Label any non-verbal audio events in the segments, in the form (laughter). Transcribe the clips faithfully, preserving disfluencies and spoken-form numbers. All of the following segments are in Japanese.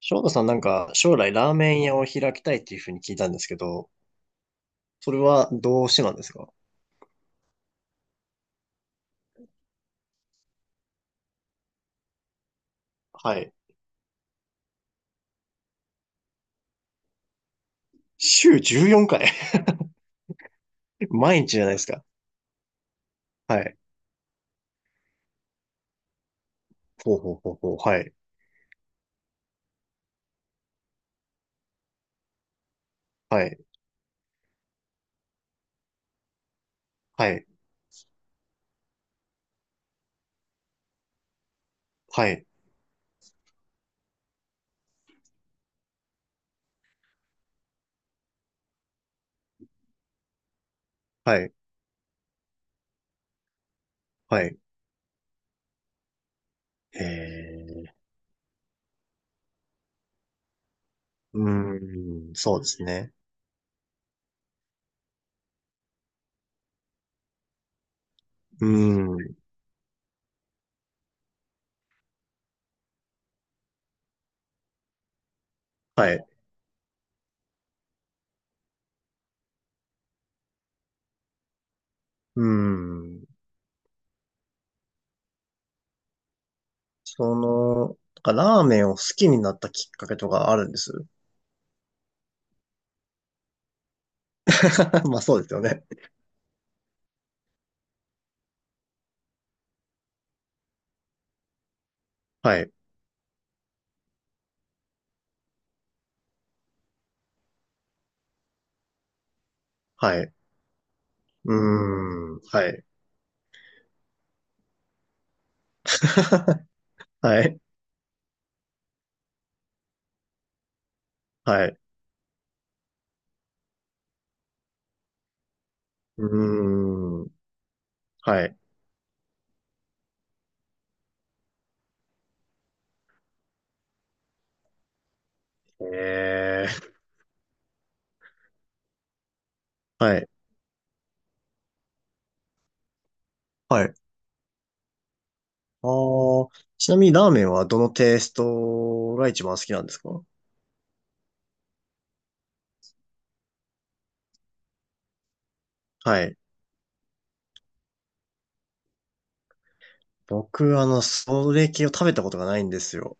翔太さんなんか将来ラーメン屋を開きたいっていうふうに聞いたんですけど、それはどうしてなんですか？はい。週じゅうよんかい？ (laughs) 毎日じゃないですか。はい。ほうほうほうほう。はい。はい。はい。はい。はい。はい。へえー、うーん、そうですね。うーん、はい。うーん。その、なんかラーメンを好きになったきっかけとかあるんです？ (laughs) まあそうですよね。はい。はい。うーん、はい。(laughs) はい。はい。うーん。はい。えー、はい。はい。あー、ちなみにラーメンはどのテイストが一番好きなんですか？はい。僕、あの、それ系を食べたことがないんですよ。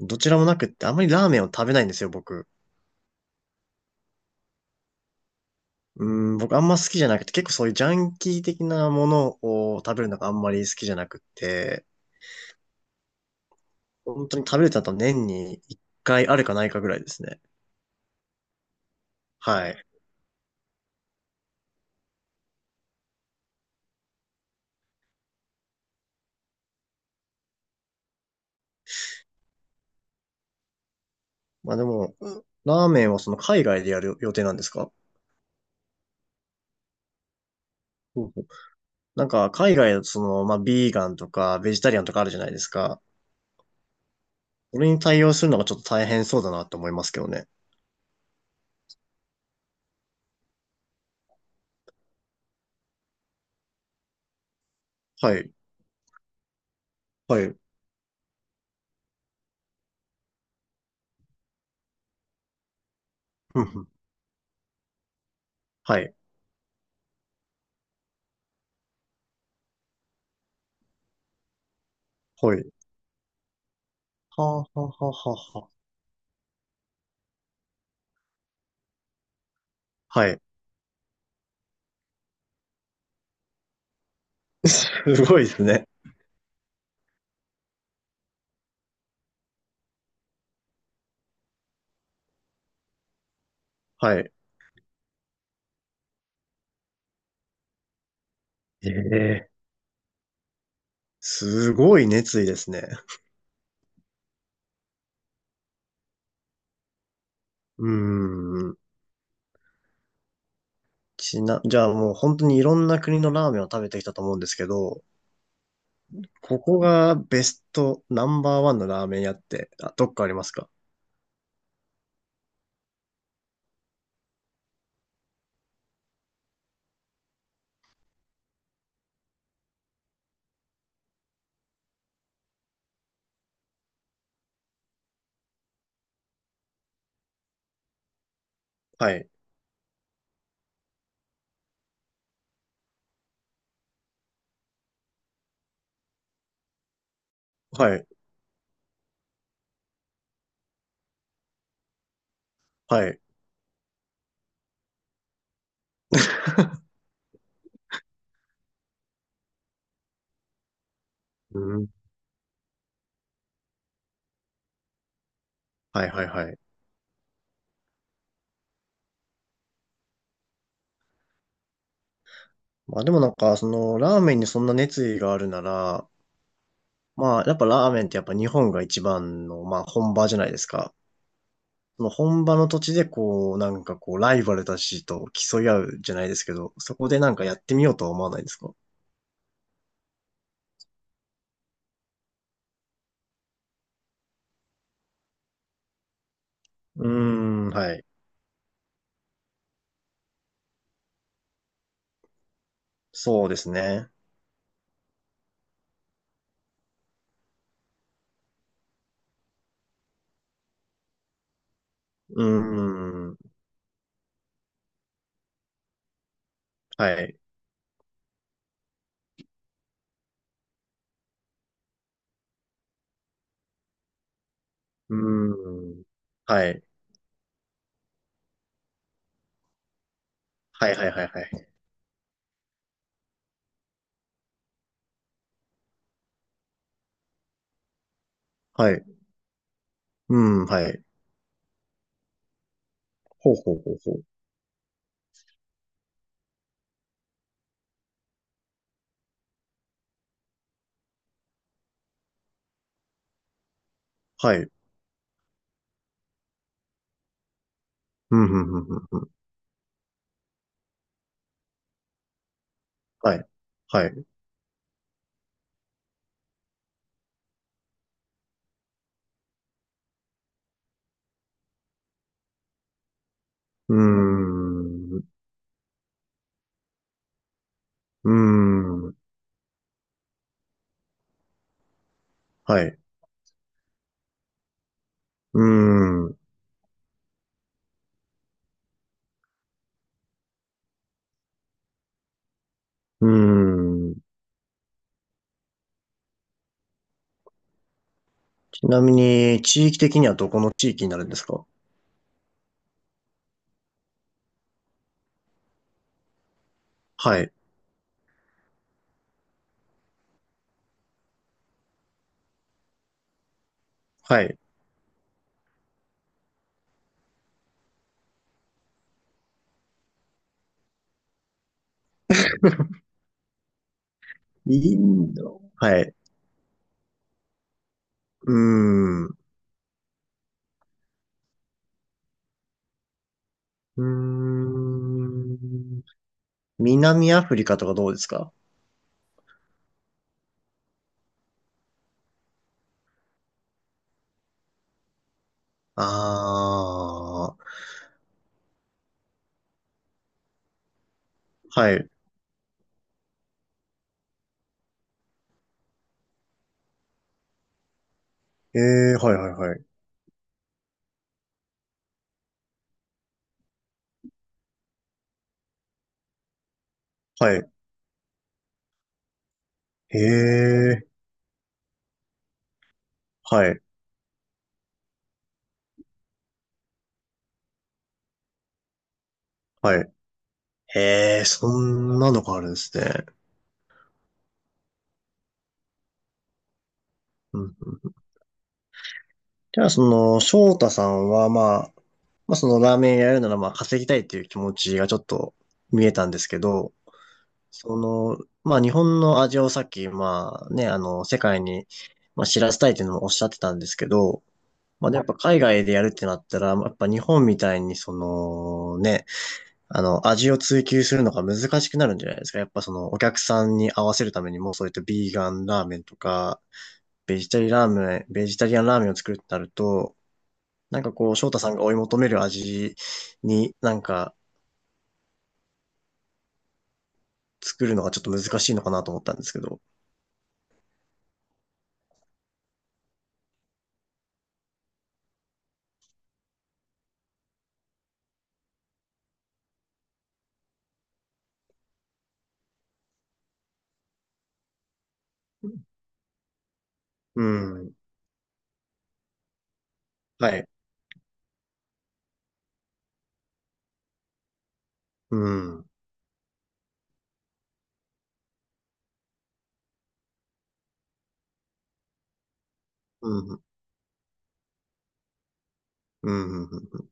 どちらもなくって、あんまりラーメンを食べないんですよ、僕。うーん、僕あんま好きじゃなくて、結構そういうジャンキー的なものを食べるのがあんまり好きじゃなくって、本当に食べれたと年に一回あるかないかぐらいですね。はい。まあでも、ラーメンはその海外でやる予定なんですか？なんか、海外だとその、まあ、ビーガンとか、ベジタリアンとかあるじゃないですか。それに対応するのがちょっと大変そうだなって思いますけどね。はい。はい。ふんふん。はい。はい。はあ、はあ、はあ、はあはあ。はい。(laughs) すごいですね。はい。ええ。すごい熱意ですね。うーん。ちな、じゃあもう本当にいろんな国のラーメンを食べてきたと思うんですけど、ここがベストナンバーワンのラーメン屋って、あ、どっかありますか？はい。はい。はい。うん。はいはいはい。まあでもなんか、その、ラーメンにそんな熱意があるなら、まあやっぱラーメンってやっぱ日本が一番の、まあ本場じゃないですか。その本場の土地でこう、なんかこう、ライバルたちと競い合うじゃないですけど、そこでなんかやってみようとは思わないですか？うーん、はい。そうですね。うーん、はい。うーん、はい。はいはいはいはい。はい。うん、はい。ほうほうほうほう。はい。うん、うん、うん、うん。うん。はい。はい。うーん、うーん。はい。うーん。うーん。ちなみに、地域的にはどこの地域になるんですか？はい。はい。インド。はい。うーん。うーん。南アフリカとかどうですか？ああー。はい。ええ。はいはいはい。はい。えー、はい。はい。えー、そんなのがあるんですね。うん。じゃあ、その、翔太さんは、まあ、まあ、そのラーメン屋やるなら、まあ、稼ぎたいっていう気持ちがちょっと見えたんですけど、その、まあ、日本の味をさっき、まあ、ね、あの、世界に、まあ、知らせたいっていうのもおっしゃってたんですけど、まあ、でもやっぱ海外でやるってなったら、まあやっぱ日本みたいに、その、ね、あの、味を追求するのが難しくなるんじゃないですか。やっぱその、お客さんに合わせるためにも、そういったビーガンラーメンとか、ベジタリラーメン、ベジタリアンラーメンを作るってなると、なんかこう、翔太さんが追い求める味になんか作るのがちょっと難しいのかなと思ったんですけど。うん。はい。うん。うん。うん。うん。